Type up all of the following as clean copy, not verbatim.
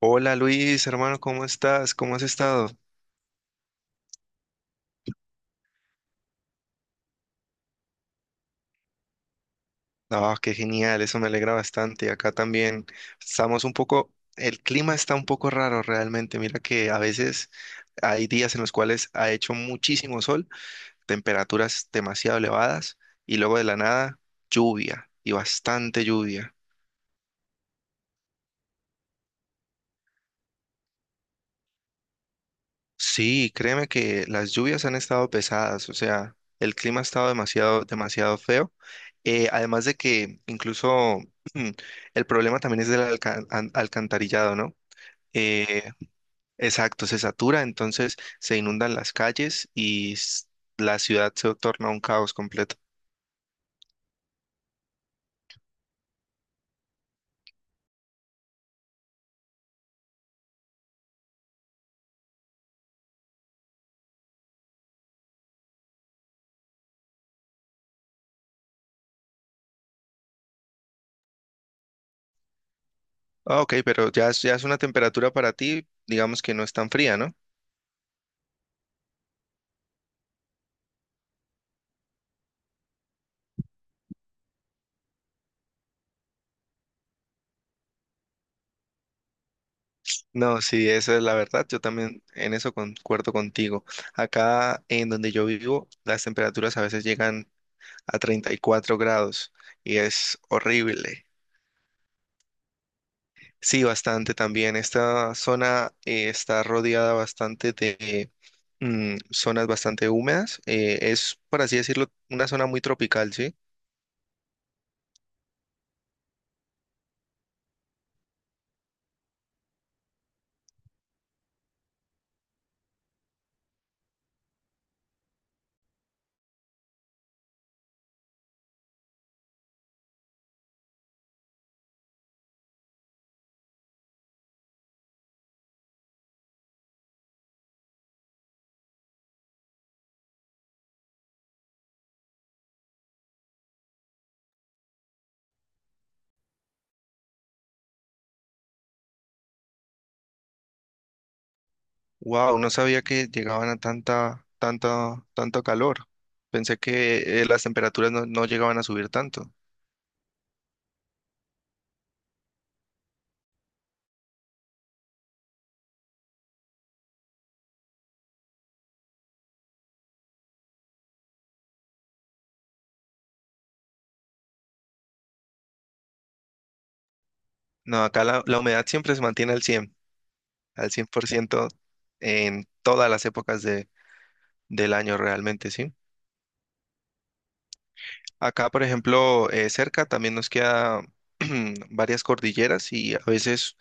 Hola Luis, hermano, ¿cómo estás? ¿Cómo has estado? Ah, qué genial, eso me alegra bastante. Acá también estamos un poco, el clima está un poco raro realmente. Mira que a veces hay días en los cuales ha hecho muchísimo sol, temperaturas demasiado elevadas y luego de la nada lluvia y bastante lluvia. Sí, créeme que las lluvias han estado pesadas, o sea, el clima ha estado demasiado, demasiado feo. Además de que incluso mm, el problema también es del alcantarillado, ¿no? Eh, exacto, se satura, entonces se inundan las calles y la ciudad se torna un caos completo. Ah, ok, pero ya es una temperatura para ti, digamos que no es tan fría, ¿no? No, sí, esa es la verdad. Yo también en eso concuerdo contigo. Acá en donde yo vivo, las temperaturas a veces llegan a 34 grados y es horrible. Sí, bastante también. Esta zona está rodeada bastante de zonas bastante húmedas. Es, por así decirlo, una zona muy tropical, ¿sí? Wow, no sabía que llegaban a tanta, tanta, tanto calor. Pensé que las temperaturas no llegaban a subir tanto. No, acá la humedad siempre se mantiene al 100, al 100% en todas las épocas del año realmente, ¿sí? Acá, por ejemplo, cerca también nos queda varias cordilleras y a veces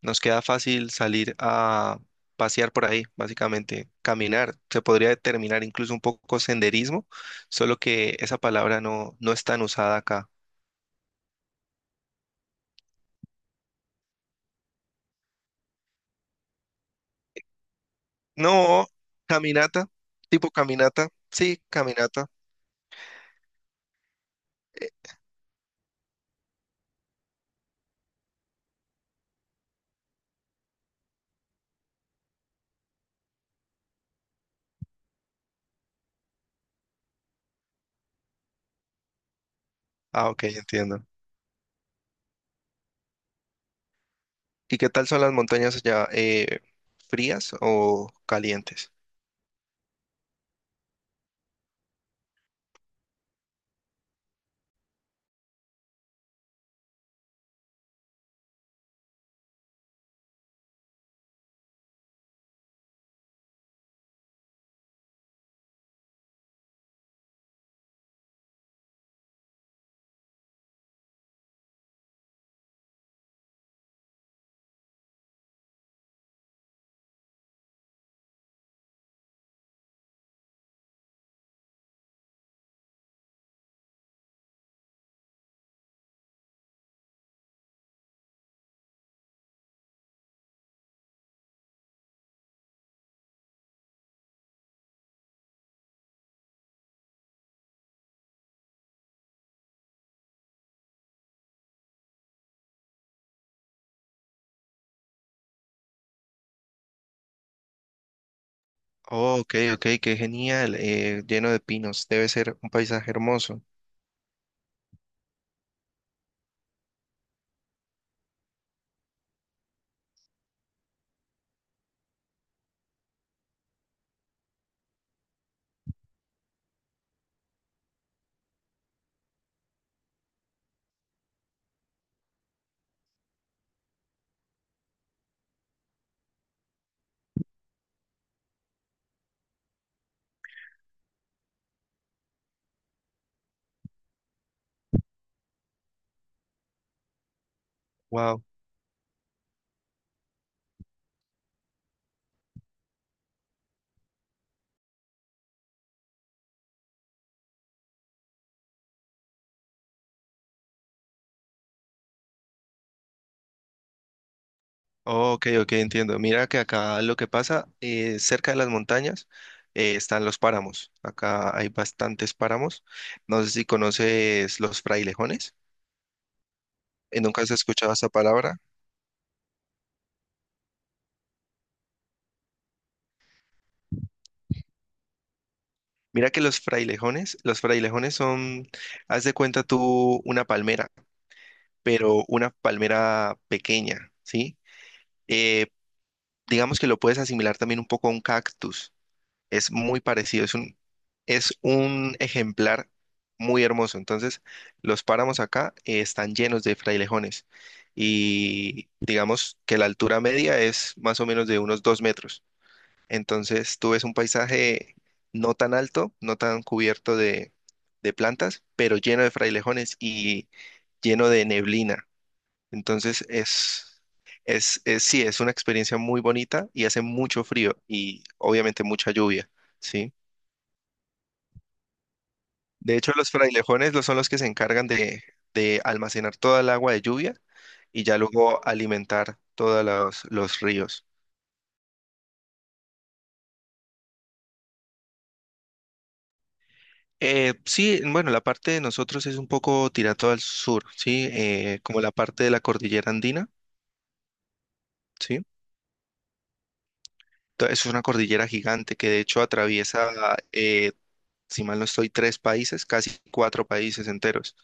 nos queda fácil salir a pasear por ahí, básicamente, caminar. Se podría determinar incluso un poco senderismo, solo que esa palabra no es tan usada acá. No, caminata, tipo caminata, sí, caminata. Eh, Ah, ok, entiendo. ¿Y qué tal son las montañas allá? ¿Frías o calientes? Oh, ok, ok, qué genial. Eh, lleno de pinos. Debe ser un paisaje hermoso. Wow. Oh, ok, ok, entiendo. Mira que acá lo que pasa, cerca de las montañas están los páramos. Acá hay bastantes páramos. No sé si conoces los frailejones. ¿Nunca has escuchado esa palabra? Mira que los frailejones son, haz de cuenta tú una palmera. Pero una palmera pequeña, ¿sí? Eh, digamos que lo puedes asimilar también un poco a un cactus. Es muy parecido, es un ejemplar muy hermoso. Entonces, los páramos acá están llenos de frailejones y digamos que la altura media es más o menos de unos 2 metros. Entonces, tú ves un paisaje no tan alto, no tan cubierto de plantas, pero lleno de frailejones y lleno de neblina. Entonces es, sí, es una experiencia muy bonita y hace mucho frío y obviamente mucha lluvia, ¿sí? De hecho, son los que se encargan de almacenar toda el agua de lluvia y ya luego alimentar todos los ríos. Sí, bueno, la parte de nosotros es un poco tirado al sur, ¿sí? Como la parte de la cordillera andina, ¿sí? Es una cordillera gigante que de hecho atraviesa, eh, si mal no estoy, tres países, casi cuatro países enteros.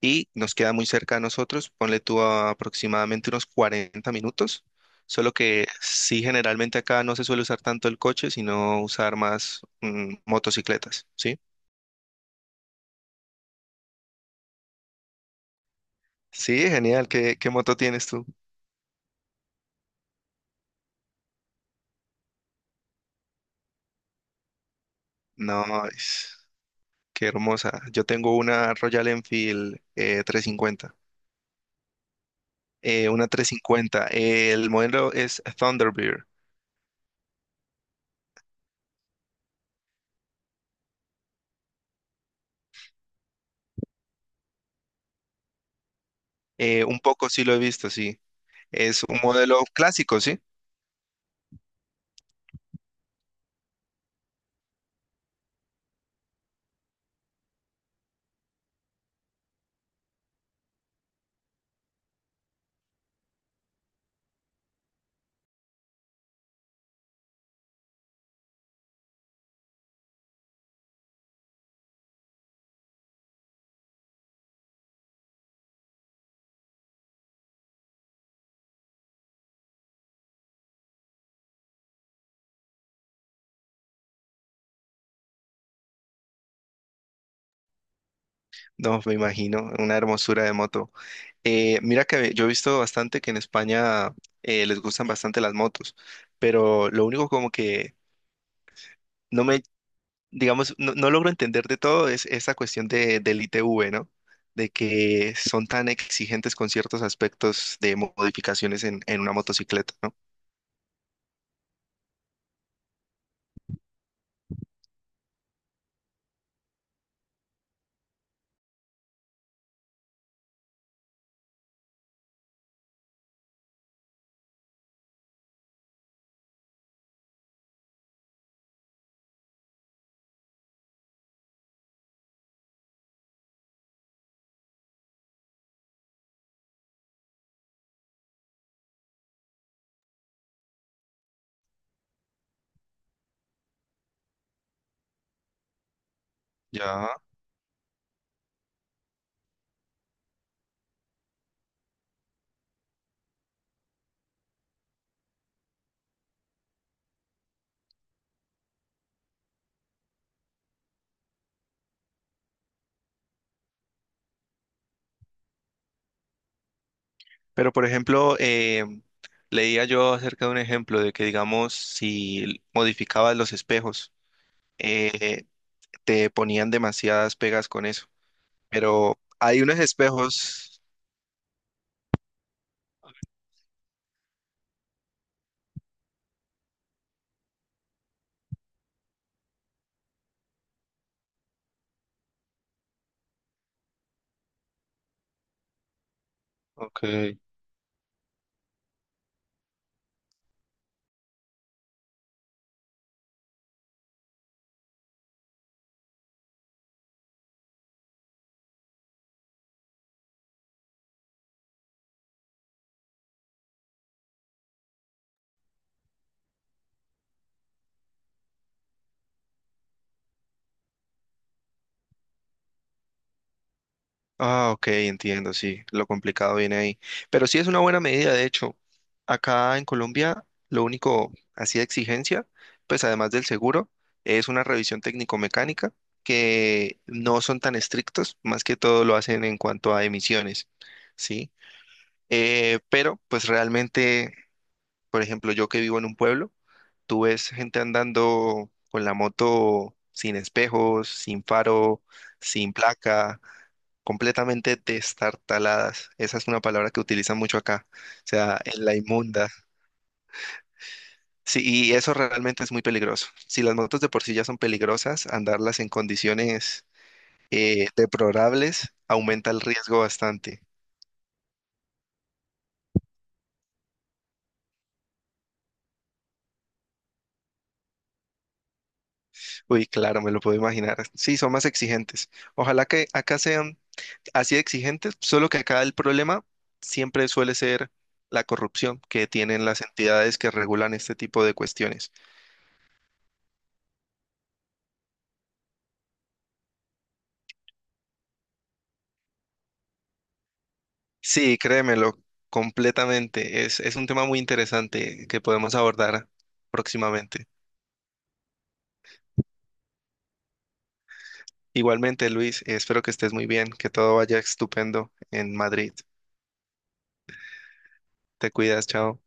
Y nos queda muy cerca a nosotros, ponle tú a aproximadamente unos 40 minutos, solo que sí generalmente acá no se suele usar tanto el coche, sino usar más motocicletas, ¿sí? Sí, genial, ¿qué, qué moto tienes tú? No, es- Qué hermosa. Yo tengo una Royal Enfield 350 una 350, el modelo es Thunderbird, un poco sí lo he visto, sí, es un modelo clásico, ¿sí? No, me imagino, una hermosura de moto. Mira que yo he visto bastante que en España les gustan bastante las motos, pero lo único como que no me, digamos, no logro entender de todo es esa cuestión del ITV, ¿no? De que son tan exigentes con ciertos aspectos de modificaciones en una motocicleta, ¿no? Ya. Pero, por ejemplo, leía yo acerca de un ejemplo de que, digamos, si modificabas los espejos, eh, te ponían demasiadas pegas con eso. Pero hay unos espejos. Ok. Ah, ok, entiendo, sí. Lo complicado viene ahí. Pero sí es una buena medida, de hecho. Acá en Colombia, lo único así de exigencia, pues además del seguro, es una revisión técnico-mecánica que no son tan estrictos, más que todo lo hacen en cuanto a emisiones, ¿sí? Pero pues realmente por ejemplo, yo que vivo en un pueblo, tú ves gente andando con la moto sin espejos, sin faro, sin placa, completamente destartaladas. Esa es una palabra que utilizan mucho acá, o sea, en la inmunda. Sí, y eso realmente es muy peligroso. Si las motos de por sí ya son peligrosas, andarlas en condiciones deplorables aumenta el riesgo bastante. Uy, claro, me lo puedo imaginar. Sí, son más exigentes. Ojalá que acá sean así de exigentes, solo que acá el problema siempre suele ser la corrupción que tienen las entidades que regulan este tipo de cuestiones. Sí, créemelo, completamente. Es un tema muy interesante que podemos abordar próximamente. Igualmente, Luis, espero que estés muy bien, que todo vaya estupendo en Madrid. Te cuidas, chao.